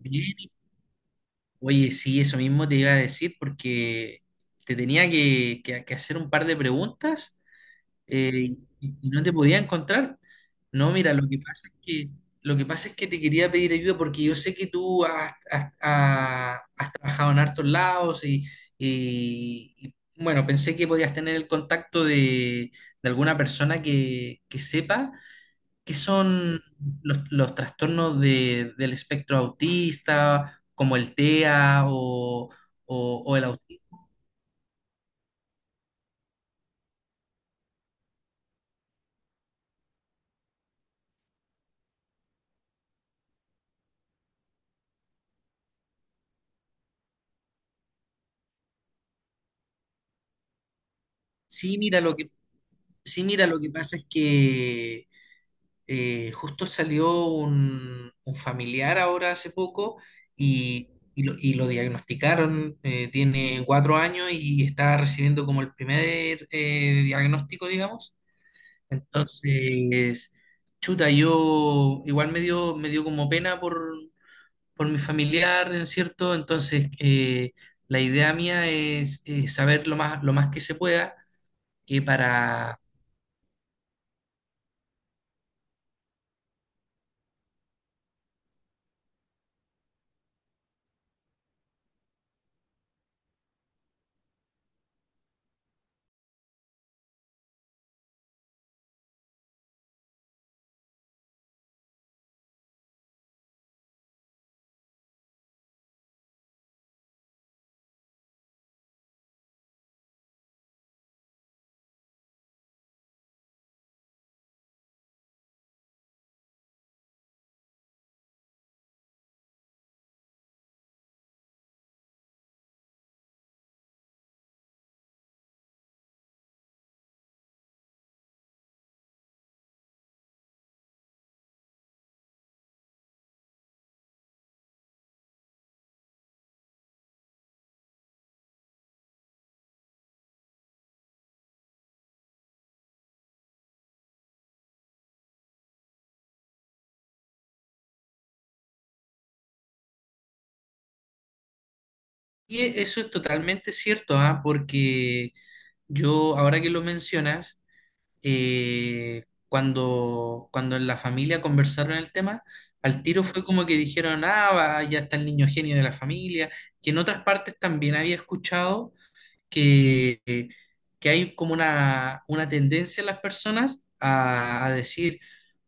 Bien, oye, sí, eso mismo te iba a decir porque te tenía que hacer un par de preguntas eh, y no te podía encontrar. No, mira, lo que pasa es que te quería pedir ayuda porque yo sé que tú has, has- ha- has trabajado en hartos lados y bueno, pensé que podías tener el contacto de alguna persona que sepa que son los trastornos del espectro autista, como el TEA o el autismo. Sí, mira, lo que, sí, mira, lo que pasa es que justo salió un familiar ahora hace poco y, y lo diagnosticaron. Tiene 4 años y está recibiendo como el primer diagnóstico, digamos. Entonces, chuta, yo igual me dio como pena por mi familiar, ¿no es cierto? Entonces, la idea mía es, saber lo más que se pueda, que para. Eso es totalmente cierto, ¿ah? Porque yo, ahora que lo mencionas, cuando en la familia conversaron el tema, al tiro fue como que dijeron, ah, va, ya está el niño genio de la familia, que en otras partes también había escuchado que, eh, que hay como una tendencia en las personas a decir,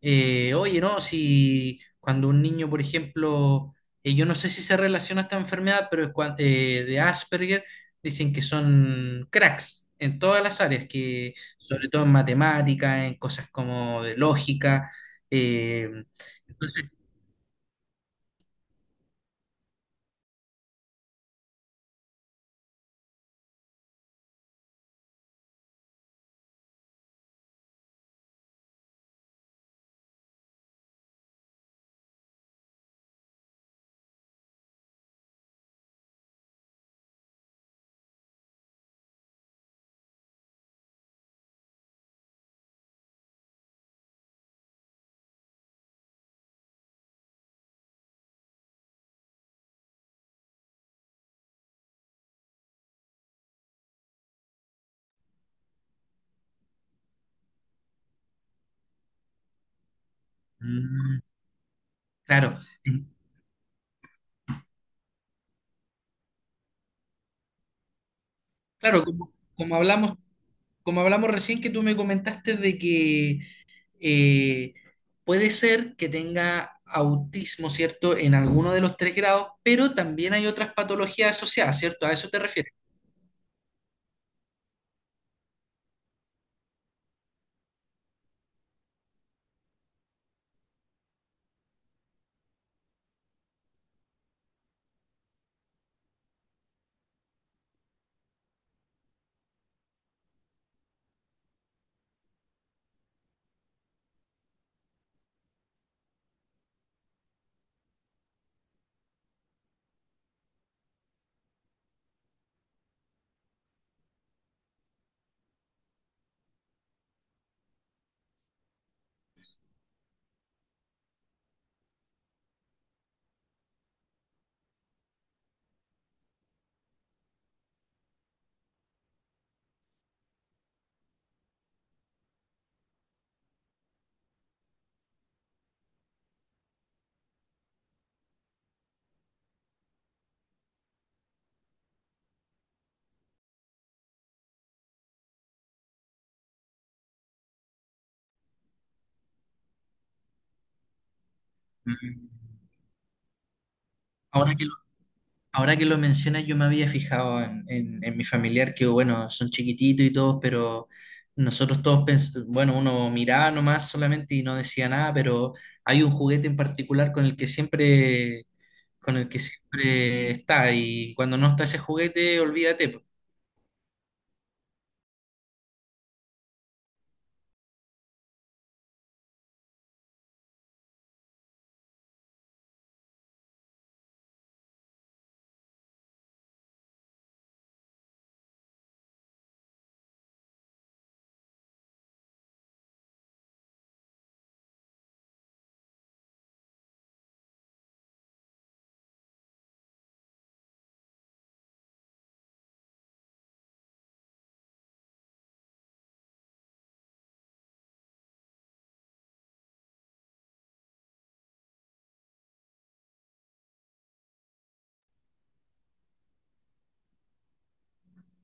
oye, no, si cuando un niño, por ejemplo, yo no sé si se relaciona esta enfermedad, pero de Asperger, dicen que son cracks en todas las áreas, que sobre todo en matemática, en cosas como de lógica. eh, entonces, mm, claro, claro, como hablamos recién que tú me comentaste de que eh, puede ser que tenga autismo, ¿cierto? En alguno de los tres grados, pero también hay otras patologías asociadas, ¿cierto? A eso te refieres. Mm. Ahora que lo, ahora que lo mencionas, yo me había fijado en mi familiar que, bueno, son chiquititos y todos, pero nosotros todos, bueno, uno miraba nomás solamente y no decía nada, pero hay un juguete en particular con el que siempre, con el que siempre está y cuando no está ese juguete, olvídate po.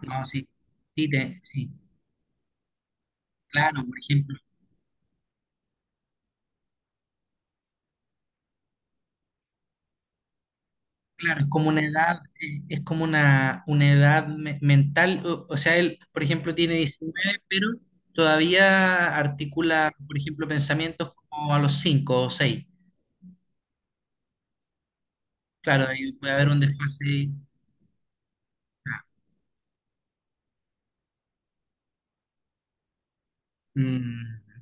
No, sí, sí, sí. Claro, por ejemplo, claro, es como una edad. Eh, Es como una edad mental, o sea, él, por ejemplo, tiene 19, pero todavía articula, por ejemplo, pensamientos como a los 5 o 6. Claro, ahí puede haber un desfase. ah, mm,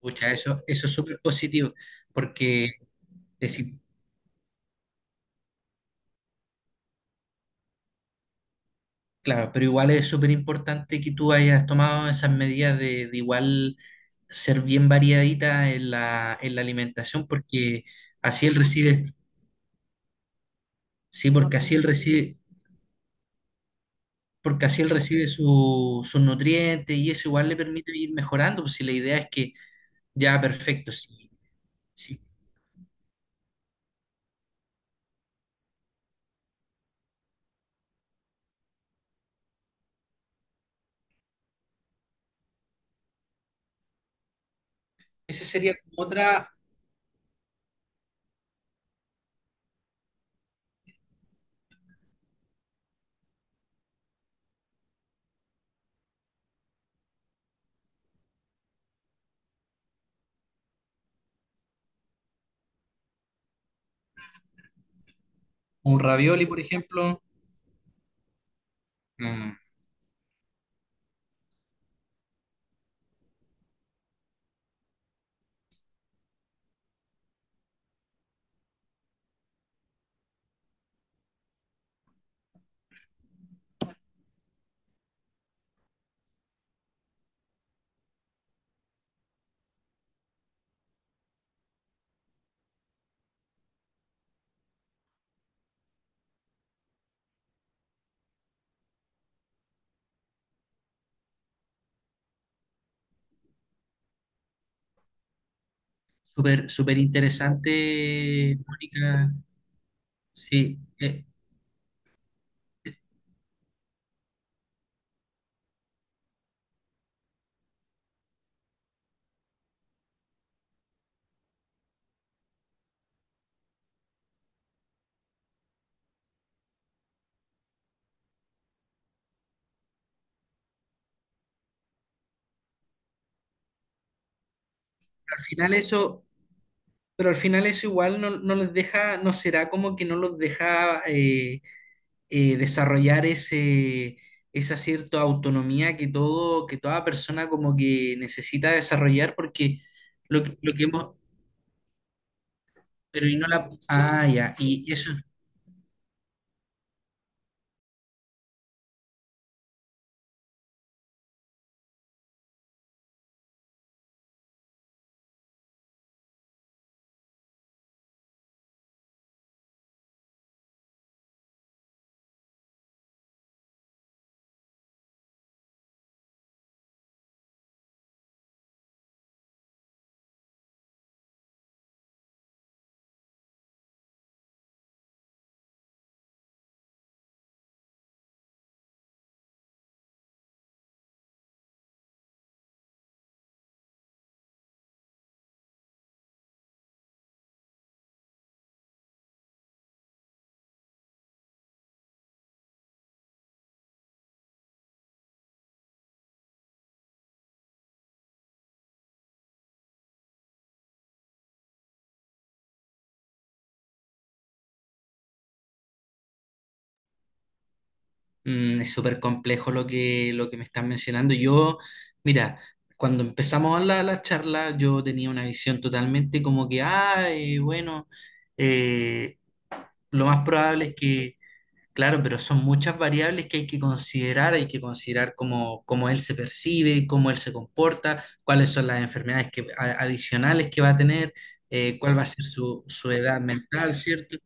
Pucha, eso es súper positivo, porque claro, pero igual es súper importante que tú hayas tomado esas medidas de igual ser bien variadita en la alimentación, porque así él recibe, sí, porque así él recibe sus nutrientes y eso igual le permite ir mejorando. Pues si la idea es que ya, perfecto, sí, sí. Ese sería como otra, un ravioli, por ejemplo. Mm, Súper, súper interesante, Mónica. Sí, al final eso. Pero al final eso igual no, no les deja, no será como que no los deja desarrollar esa cierta autonomía que toda persona como que necesita desarrollar, porque lo que hemos, pero y no la, ah, ya, y eso es súper complejo lo que me estás mencionando. Yo, mira, cuando empezamos la charla, yo tenía una visión totalmente como que, bueno, eh, lo más probable es que. Claro, pero son muchas variables que hay que considerar cómo él se percibe, cómo él se comporta, cuáles son las enfermedades adicionales que va a tener, cuál va a ser su edad mental, ¿cierto?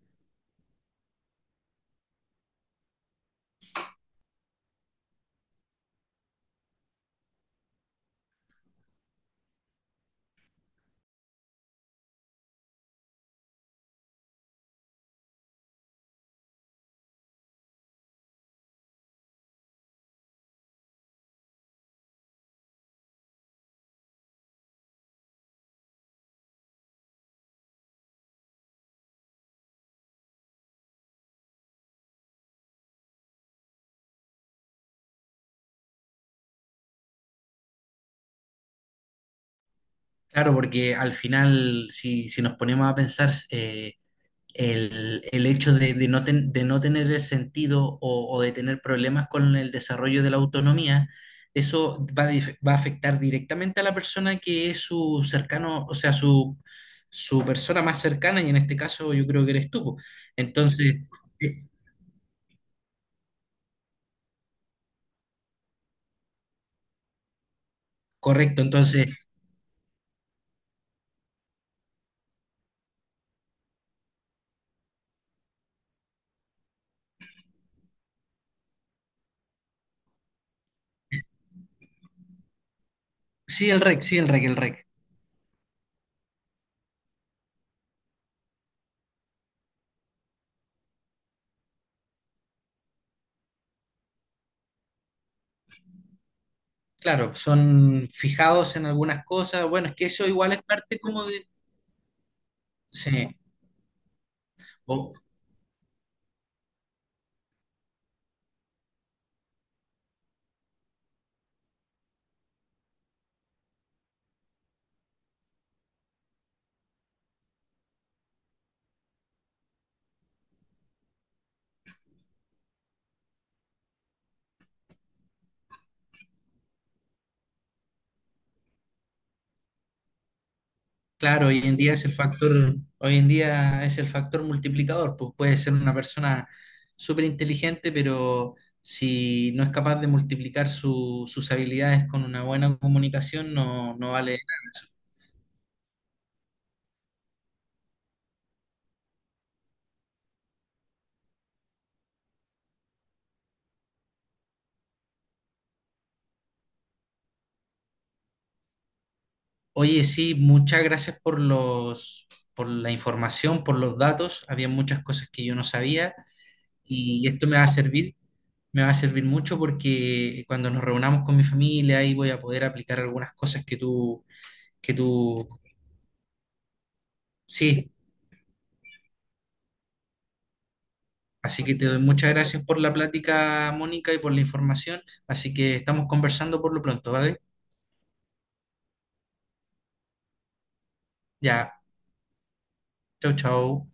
Claro, porque al final, si nos ponemos a pensar, el hecho de no tener el sentido o de tener problemas con el desarrollo de la autonomía, eso va a afectar directamente a la persona que es su cercano, o sea, su persona más cercana, y en este caso yo creo que eres tú po. Entonces, eh, correcto, entonces, sí, el REC, sí, el REC, el REC. Claro, son fijados en algunas cosas. Bueno, es que eso igual es parte como de. Sí. O- Claro, hoy en día es el factor multiplicador, pues puede ser una persona súper inteligente, pero si no es capaz de multiplicar sus habilidades con una buena comunicación, no, no vale nada eso. Oye, sí, muchas gracias por la información, por los datos. Había muchas cosas que yo no sabía y esto me va a servir mucho porque cuando nos reunamos con mi familia ahí voy a poder aplicar algunas cosas que tú, sí. Así que te doy muchas gracias por la plática, Mónica, y por la información. Así que estamos conversando por lo pronto, ¿vale? Ya, chau, chau.